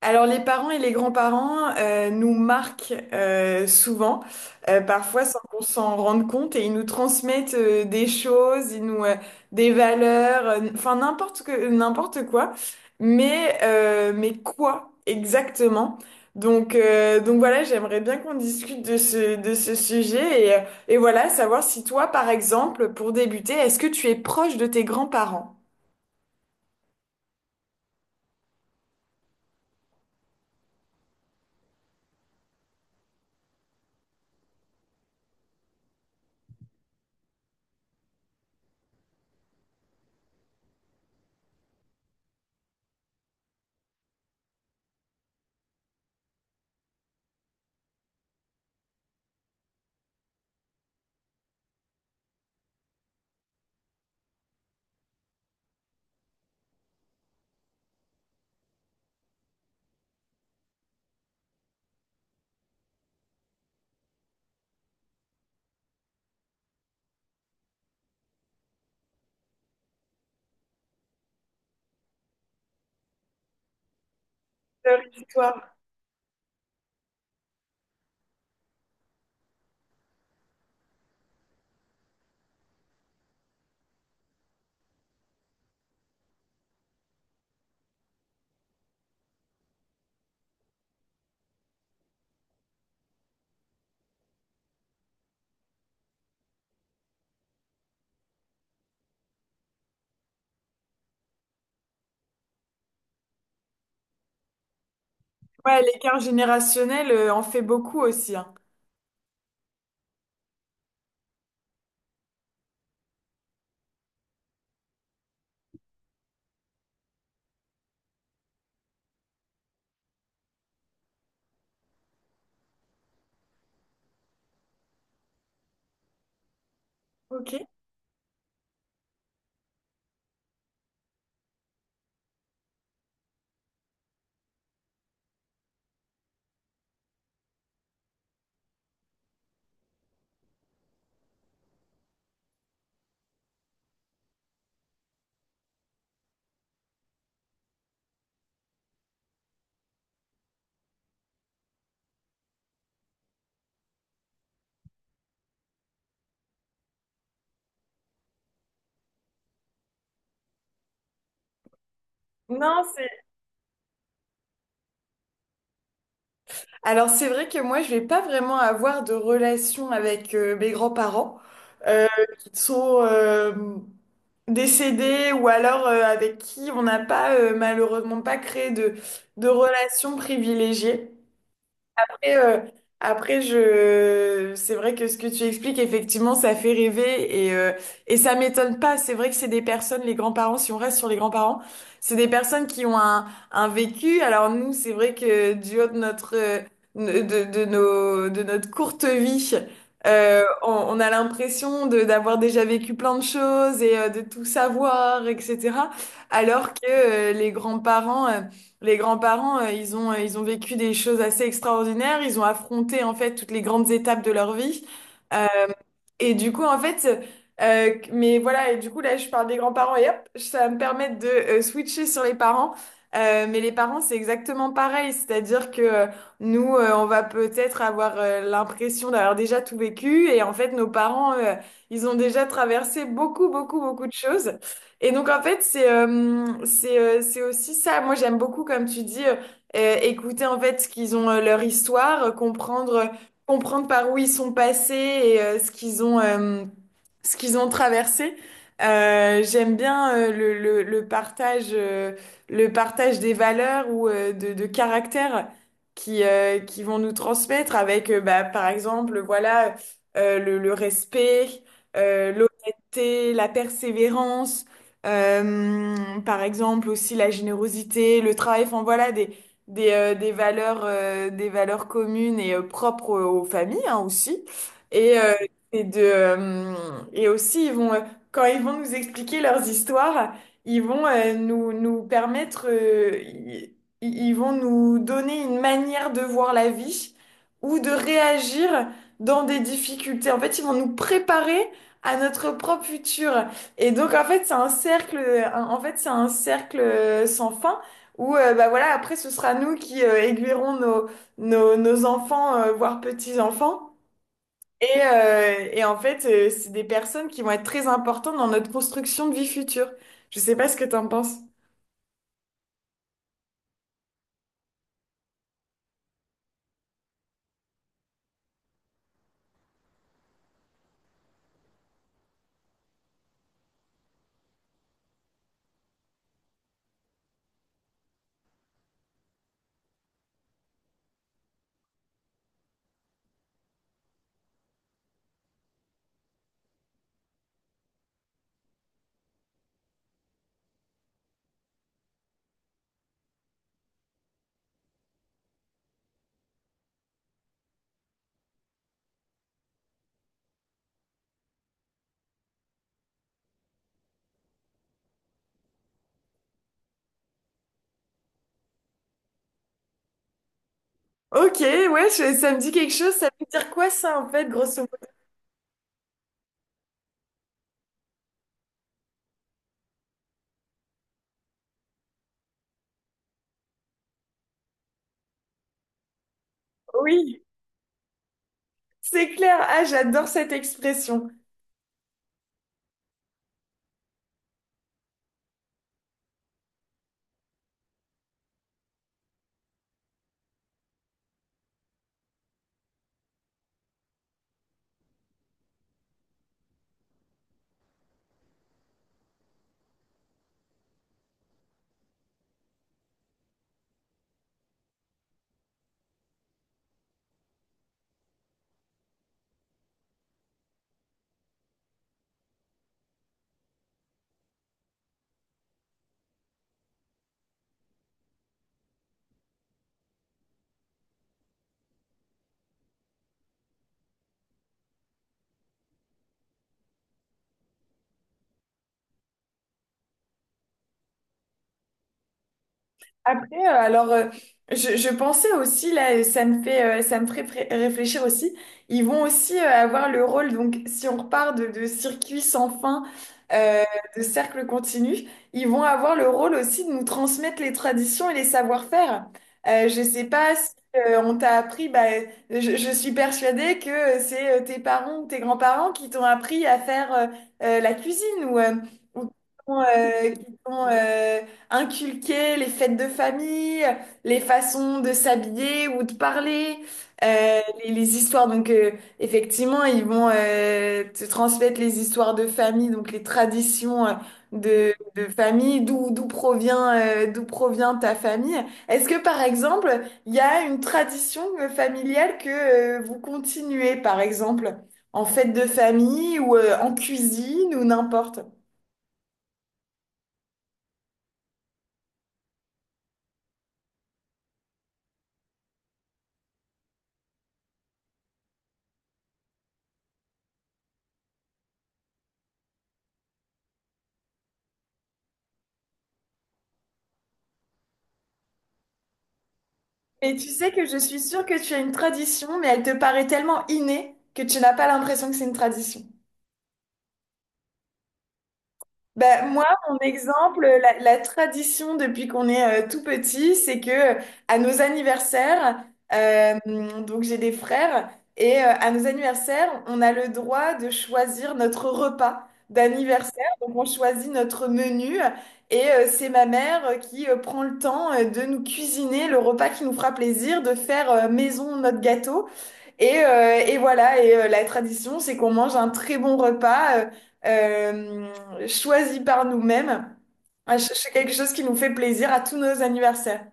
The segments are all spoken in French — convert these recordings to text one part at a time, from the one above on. Alors les parents et les grands-parents nous marquent souvent, parfois sans qu'on s'en rende compte, et ils nous transmettent des choses, ils nous des valeurs, enfin n'importe quoi, mais quoi exactement? Donc voilà, j'aimerais bien qu'on discute de ce sujet et et voilà savoir si toi par exemple pour débuter, est-ce que tu es proche de tes grands-parents? Leur histoire. Ouais, l'écart générationnel en fait beaucoup aussi, hein. Ok. Non, c'est... Alors, c'est vrai que moi, je vais pas vraiment avoir de relation avec mes grands-parents euh, qui sont décédés ou alors avec qui on n'a pas, malheureusement, pas créé de relation privilégiée. Après, euh, après, je... c'est vrai que ce que tu expliques, effectivement, ça fait rêver et et ça m'étonne pas. C'est vrai que c'est des personnes, les grands-parents, si on reste sur les grands-parents, c'est des personnes qui ont un vécu. Alors nous, c'est vrai que du haut de notre, de nos, de notre courte vie, on a l'impression de, d'avoir déjà vécu plein de choses et de tout savoir, etc. Alors que les grands-parents, ils ont vécu des choses assez extraordinaires. Ils ont affronté en fait toutes les grandes étapes de leur vie. Et du coup, en fait, mais voilà, et du coup, là, je parle des grands-parents et hop, ça va me permettre de switcher sur les parents. Mais les parents, c'est exactement pareil. C'est-à-dire que nous, on va peut-être avoir l'impression d'avoir déjà tout vécu. Et en fait, nos parents, ils ont déjà traversé beaucoup, beaucoup, beaucoup de choses. Et donc, en fait, c'est aussi ça. Moi, j'aime beaucoup, comme tu dis, écouter en fait ce qu'ils ont, leur histoire, comprendre par où ils sont passés et ce qu'ils ont traversé. J'aime bien le partage des valeurs ou de caractères qui vont nous transmettre avec, bah, par exemple, voilà, le respect, l'honnêteté, la persévérance, euh, par exemple aussi la générosité, le travail, enfin voilà, des valeurs communes et propres aux, aux familles hein, aussi. Et, euh, et, de, euh, et aussi, ils vont, quand ils vont nous expliquer leurs histoires, ils vont nous, nous permettre, ils vont nous donner une manière de voir la vie ou de réagir dans des difficultés. En fait, ils vont nous préparer à notre propre futur. Et donc, en fait, c'est un cercle, en fait, c'est un cercle sans fin ou bah voilà, après ce sera nous qui aiguillerons nos, nos, nos enfants, voire petits-enfants. Et et en fait, c'est des personnes qui vont être très importantes dans notre construction de vie future. Je sais pas ce que t'en penses. Ok, ouais, je- ça me dit quelque chose. Ça veut dire quoi ça en fait, grosso modo? Oui, c'est clair. Ah, j'adore cette expression. Après, euh, alors, euh, je pensais aussi, là, ça me fait, ça me ferait réfléchir aussi, ils vont aussi avoir le rôle, donc si on repart de circuit sans fin, euh, de cercle continu, ils vont avoir le rôle aussi de nous transmettre les traditions et les savoir-faire. Je sais pas si on t'a appris, bah, je suis persuadée que c'est tes parents ou tes grands-parents qui t'ont appris à faire la cuisine ou qui t'ont... inculquer les fêtes de famille, les façons de s'habiller ou de parler, les histoires. Donc, effectivement, ils vont te transmettre les histoires de famille, donc les traditions de famille, d'où provient ta famille. Est-ce que, par exemple, il y a une tradition familiale que vous continuez, par exemple, en fête de famille ou en cuisine ou n'importe? Mais tu sais que je suis sûre que tu as une tradition, mais elle te paraît tellement innée que tu n'as pas l'impression que c'est une tradition. Ben, moi, mon exemple, la tradition depuis qu'on est tout petit, c'est que euh, à nos anniversaires, euh, donc j'ai des frères, et à nos anniversaires, on a le droit de choisir notre repas d'anniversaire. Donc on choisit notre menu, et c'est ma mère qui prend le temps de nous cuisiner le repas qui nous fera plaisir, de faire maison notre gâteau. Et voilà, la tradition, c'est qu'on mange un très bon repas choisi par nous-mêmes. Ah, c'est quelque chose qui nous fait plaisir à tous nos anniversaires.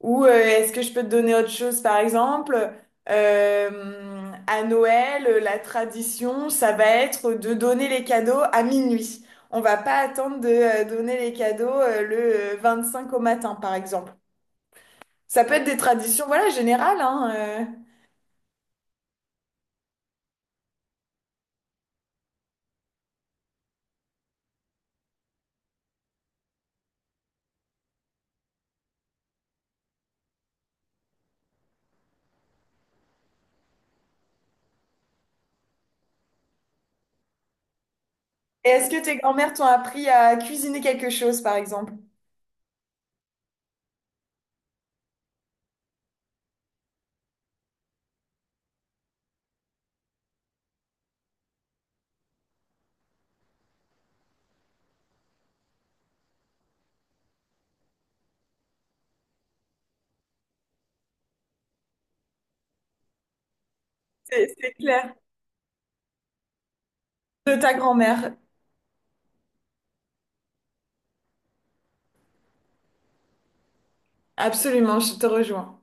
Ou est-ce que je peux te donner autre chose, par exemple? À Noël, la tradition, ça va être de donner les cadeaux à minuit. On va pas attendre de donner les cadeaux le 25 au matin, par exemple. Ça peut être des traditions, voilà, générales, hein. euh. Est-ce que tes grand-mères t'ont appris à cuisiner quelque chose, par exemple? C'est clair. De ta grand-mère. Absolument, je te rejoins.